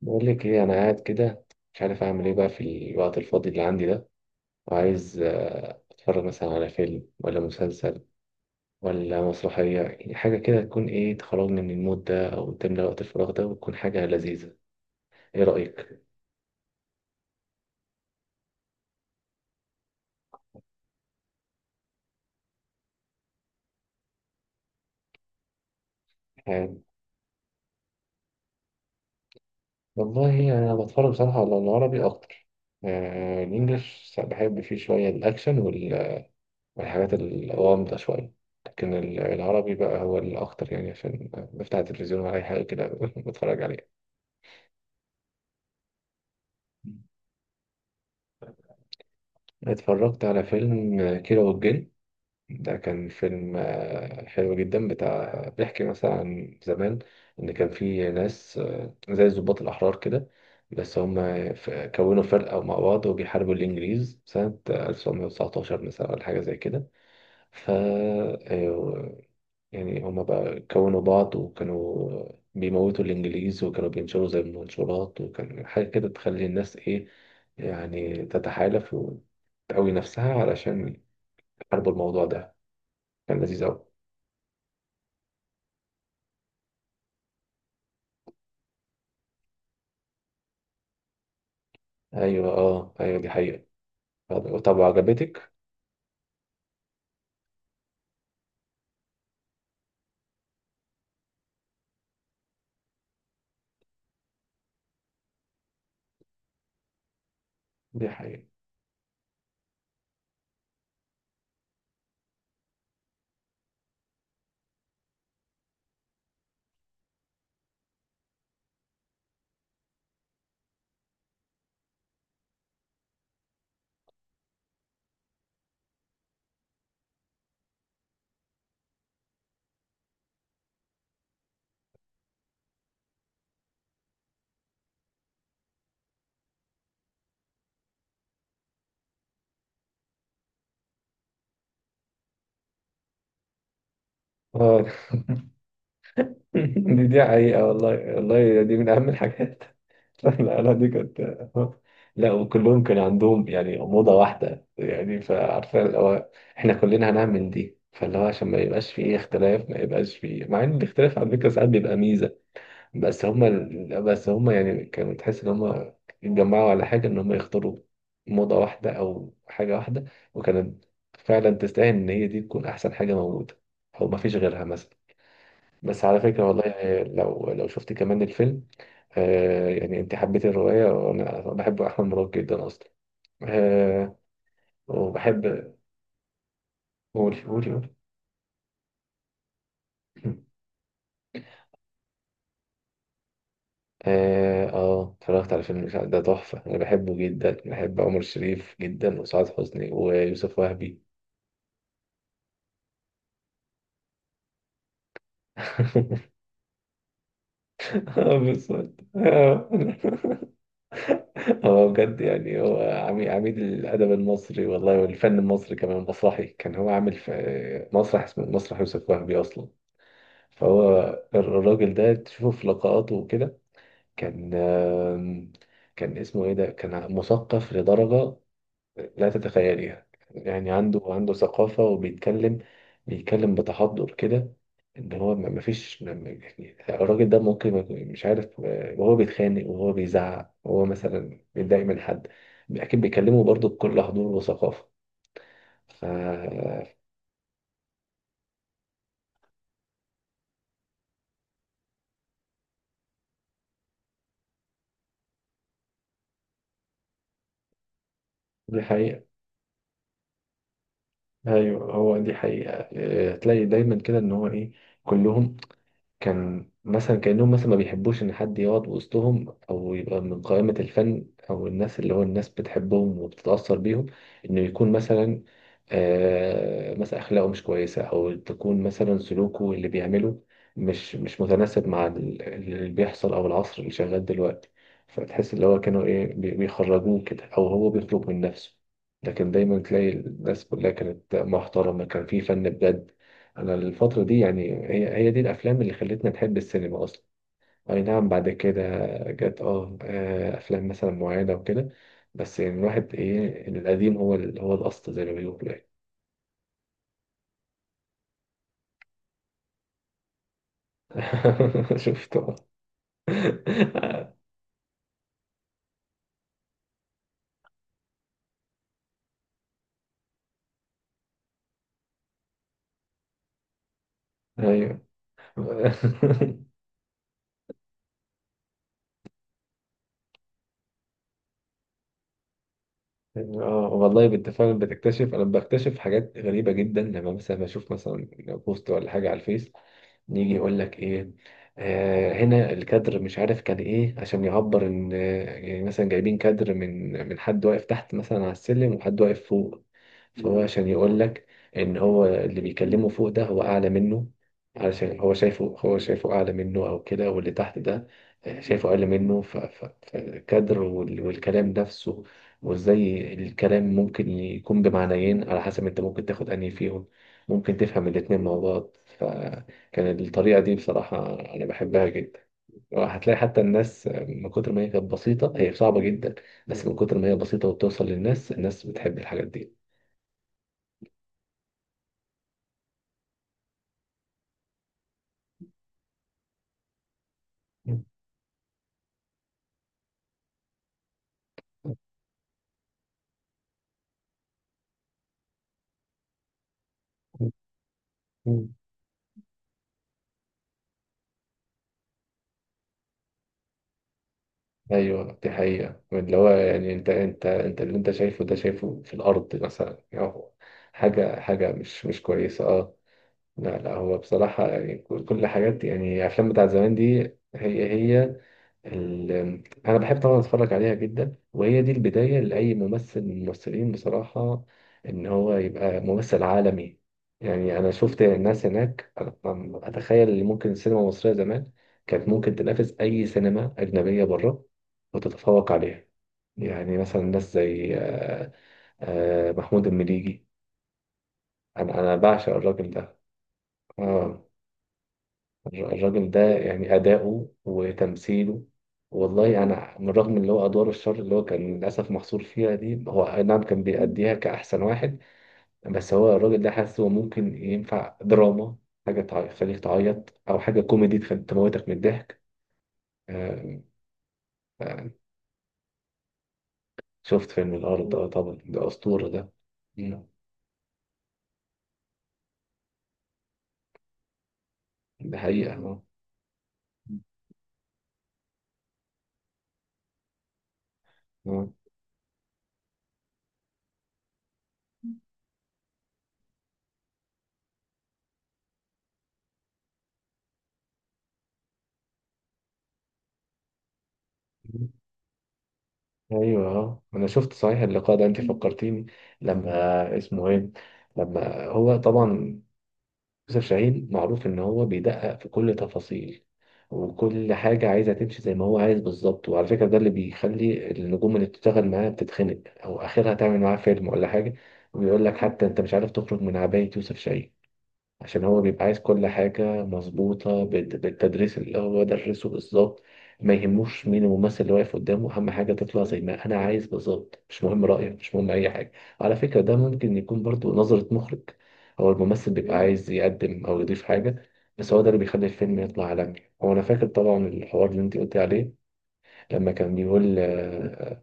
بقول لك ايه انا قاعد كده. مش عارف اعمل ايه بقى في الوقت الفاضي اللي عندي ده، وعايز اتفرج مثلا على فيلم ولا مسلسل ولا مسرحية، يعني حاجة كده تكون ايه، تخرجني من المود ده او تملى وقت الفراغ ده وتكون حاجة لذيذة. ايه رأيك؟ آه، والله يعني انا بتفرج بصراحة على العربي اكتر. الانجليش بحب فيه شوية الاكشن والحاجات الغامضة شوية. لكن العربي بقى هو الأكتر، يعني عشان بفتح التلفزيون ولا أي حاجة كده بتفرج عليها. اتفرجت على فيلم كيرة والجن. ده كان فيلم حلو جدا، بتاع بيحكي مثلا عن زمان، ان كان في ناس زي الضباط الاحرار كده. بس هم ف- كونوا فرقة مع بعض وبيحاربوا الانجليز سنة 1919 مثلا ولا حاجة زي كده. ف آه، يعني هما بقى كونوا بعض، وكانوا بيموتوا الإنجليز، وكانوا بينشروا زي المنشورات، وكان حاجة كده تخلي الناس إيه، يعني تتحالف وتقوي نفسها علشان يحاربوا الموضوع ده. كان لذيذ أوي. أيوة، أه، أيوة، دي حقيقة. طب طب، وعجبتك؟ دي حقيقة. اه، دي حقيقة، والله والله دي من أهم الحاجات. لا لا، دي كانت. لا، وكلهم كان عندهم يعني أوضة واحدة، يعني فعارفة اللي هو إحنا كلنا هنعمل دي، فاللي هو عشان ما يبقاش فيه اختلاف، ما يبقاش فيه، مع إن الاختلاف على فكرة ساعات بيبقى ميزة. بس هما يعني كانوا تحس إن هما اتجمعوا على حاجة، إن هما يختاروا موضة واحدة أو حاجة واحدة، وكانت فعلا تستاهل إن هي دي تكون أحسن حاجة موجودة أو مفيش غيرها مثلا. بس على فكرة والله، يعني لو شفت كمان الفيلم. يعني انت حبيت الرواية، وانا بحب احمد مراد جدا اصلا آه وبحب. قولي، قولي، قولي. اتفرجت على فيلم الإشاعة، ده تحفة، انا بحبه جدا، بحب عمر شريف جدا وسعاد حسني ويوسف وهبي. اه، بالظبط، اه. هو بجد يعني هو عميد الادب المصري والله، والفن المصري كمان، مسرحي كان، هو عامل في مسرح اسمه مسرح يوسف وهبي اصلا. فهو الراجل ده تشوفه في لقاءاته وكده، كان كان اسمه ايه، ده كان مثقف لدرجة لا تتخيليها. يعني عنده عنده ثقافة وبيتكلم، بيتكلم بتحضر كده، ان هو ما فيش يعني الراجل ده ممكن ما يكون، مش عارف وهو بيتخانق وهو بيزعق وهو مثلا بيتضايق من حد، اكيد بيكلمه برضه بكل حضور وثقافة. ف دي حقيقة. ايوه، هو دي حقيقة. تلاقي دايما كده ان هو ايه، كلهم كان مثلا كأنهم مثلا ما بيحبوش إن حد يقعد وسطهم أو يبقى من قائمة الفن أو الناس اللي هو الناس بتحبهم وبتتأثر بيهم، إنه يكون مثلا مثلا أخلاقه مش كويسة، أو تكون مثلا سلوكه اللي بيعمله مش متناسب مع اللي بيحصل أو العصر اللي شغال دلوقتي. فتحس اللي هو كانوا إيه، بيخرجوه كده أو هو بيخرج من نفسه. لكن دايما تلاقي الناس كلها كانت محترمة، كان في فن بجد. انا الفترة دي، يعني هي دي الافلام اللي خلتنا نحب السينما اصلا. اي نعم، بعد كده جت افلام مثلا معينة وكده، بس يعني الواحد ايه، القديم هو هو الاصل زي ما بيقولوا يعني. شفته. ايوه. اه، والله بنت فعلا بتكتشف، انا بكتشف حاجات غريبة جدا لما مثلا بشوف مثلا بوست ولا حاجة على الفيس، يجي يقول لك ايه، هنا الكادر مش عارف كان ايه عشان يعبر ان يعني مثلا جايبين كادر من حد واقف تحت مثلا على السلم وحد واقف فوق. فهو عشان يقول لك ان هو اللي بيكلمه فوق ده هو اعلى منه، علشان هو شايفه اعلى منه او كده، واللي تحت ده شايفه اقل منه، فالكدر والكلام نفسه، وازاي الكلام ممكن يكون بمعنيين، على حسب انت ممكن تاخد انهي فيهم، ممكن تفهم الاتنين مع بعض. فكان الطريقة دي بصراحة أنا بحبها جدا. وهتلاقي حتى الناس من كتر ما هي كانت بسيطة، هي صعبة جدا، بس من كتر ما هي بسيطة وبتوصل للناس، الناس بتحب الحاجات دي. مم. ايوه، دي حقيقة. اللي هو يعني انت اللي انت شايفه ده، شايفه في الارض مثلا، يعني هو حاجة مش كويسة، اه. لا لا، هو بصراحة يعني كل الحاجات، يعني الافلام بتاعت زمان دي، هي هي ال- انا بحب طبعا اتفرج عليها جدا، وهي دي البدايه لاي ممثل من الممثلين بصراحه ان هو يبقى ممثل عالمي. يعني انا شفت ناس هناك، أنا اتخيل ان ممكن السينما المصريه زمان كانت ممكن تنافس اي سينما اجنبيه بره وتتفوق عليها. يعني مثلا ناس زي محمود المليجي. انا بعشق الراجل ده. آه. الراجل ده يعني أداؤه وتمثيله، والله أنا من رغم اللي هو أدوار الشر اللي هو كان للأسف محصور فيها دي، هو أي نعم كان بيأديها كأحسن واحد. بس هو الراجل ده حاسه ممكن ينفع دراما، حاجة تخليك تعيط، أو حاجة كوميدي تخلي تموتك من الضحك. آه، آه، شفت فيلم الأرض، ده طبعا ده أسطورة ده. مم. ده حقيقة. آه. آه. ايوه، اه، انا شفت صحيح اللقاء ده، انت فكرتيني لما اسمه ايه، لما هو طبعا يوسف شاهين معروف إن هو بيدقق في كل تفاصيل، وكل حاجة عايزة تمشي زي ما هو عايز بالظبط. وعلى فكرة، ده اللي بيخلي النجوم اللي بتشتغل معاه بتتخنق أو آخرها تعمل معاه فيلم ولا حاجة. ويقول لك حتى أنت مش عارف تخرج من عباية يوسف شاهين، عشان هو بيبقى عايز كل حاجة مظبوطة بالتدريس اللي هو درسه بالظبط. ما يهموش مين الممثل اللي واقف قدامه، أهم حاجة تطلع زي ما أنا عايز بالظبط، مش مهم رأيك، مش مهم أي حاجة. على فكرة ده ممكن يكون برضو نظرة مخرج، هو الممثل بيبقى عايز يقدم أو يضيف حاجة، بس هو ده اللي بيخلي الفيلم يطلع عالمي. هو أنا فاكر طبعا الحوار اللي أنت قلت عليه، لما كان بيقول آه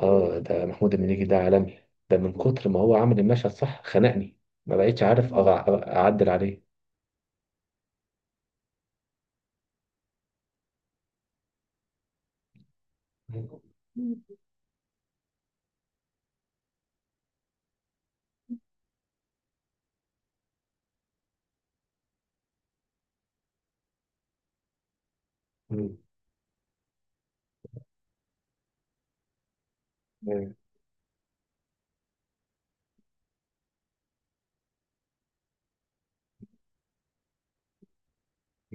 آه، ده محمود المليجي ده عالمي، ده من كتر ما هو عمل المشهد صح، خنقني، ما بقيتش عارف أعدل عليه. مم. مم. ايوه.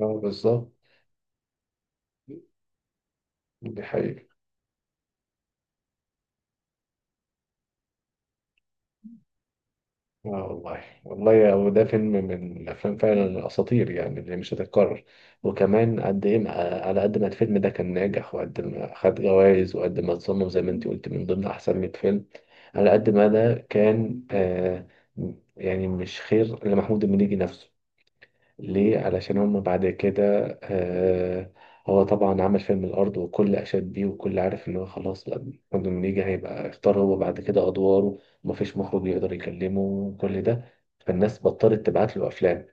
بالظبط. دي حقيقة، اه، والله والله وده فيلم من الافلام فعلا الاساطير يعني اللي مش هتتكرر. وكمان قد ايه على قد ما الفيلم ده كان ناجح، وقد ما خد جوائز، وقد ما اتصنف زي ما انت قلت من ضمن احسن 100 فيلم. على قد ما ده كان يعني مش خير لمحمود المليجي نفسه، ليه؟ علشان هم بعد كده هو طبعا عمل فيلم الأرض، وكل أشاد بيه، وكل عارف إن هو خلاص. لأ، محمد منيجي هيبقى اختار هو بعد كده أدواره، ومفيش مخرج يقدر يكلمه، وكل ده فالناس بطلت تبعت له أفلام،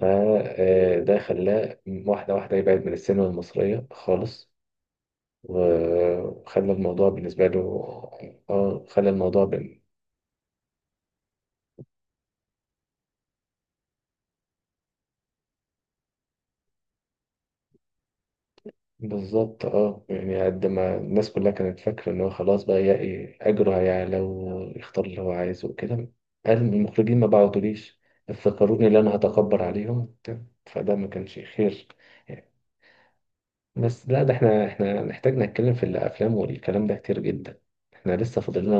فده خلاه واحدة واحدة يبعد من السينما المصرية خالص، وخلى الموضوع بالنسبة له خلى الموضوع. بالظبط، اه، يعني قد ما الناس كلها كانت فاكرة ان هو خلاص بقى يلاقي اجره هيعلى ويختار اللي هو عايزه وكده، قال المخرجين ما بعتوليش، افتكروني اللي انا هتكبر عليهم، فده ما كانش خير. بس لا، ده احنا نحتاج نتكلم في الافلام والكلام ده كتير جدا، احنا لسه فاضلنا،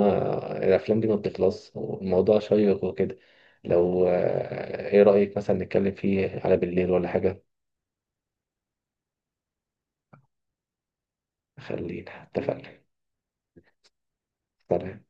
الافلام دي ما بتخلص، والموضوع شيق وكده. لو ايه رأيك مثلا نتكلم فيه على بالليل ولا حاجة؟ خلينا اتفقنا. سلام.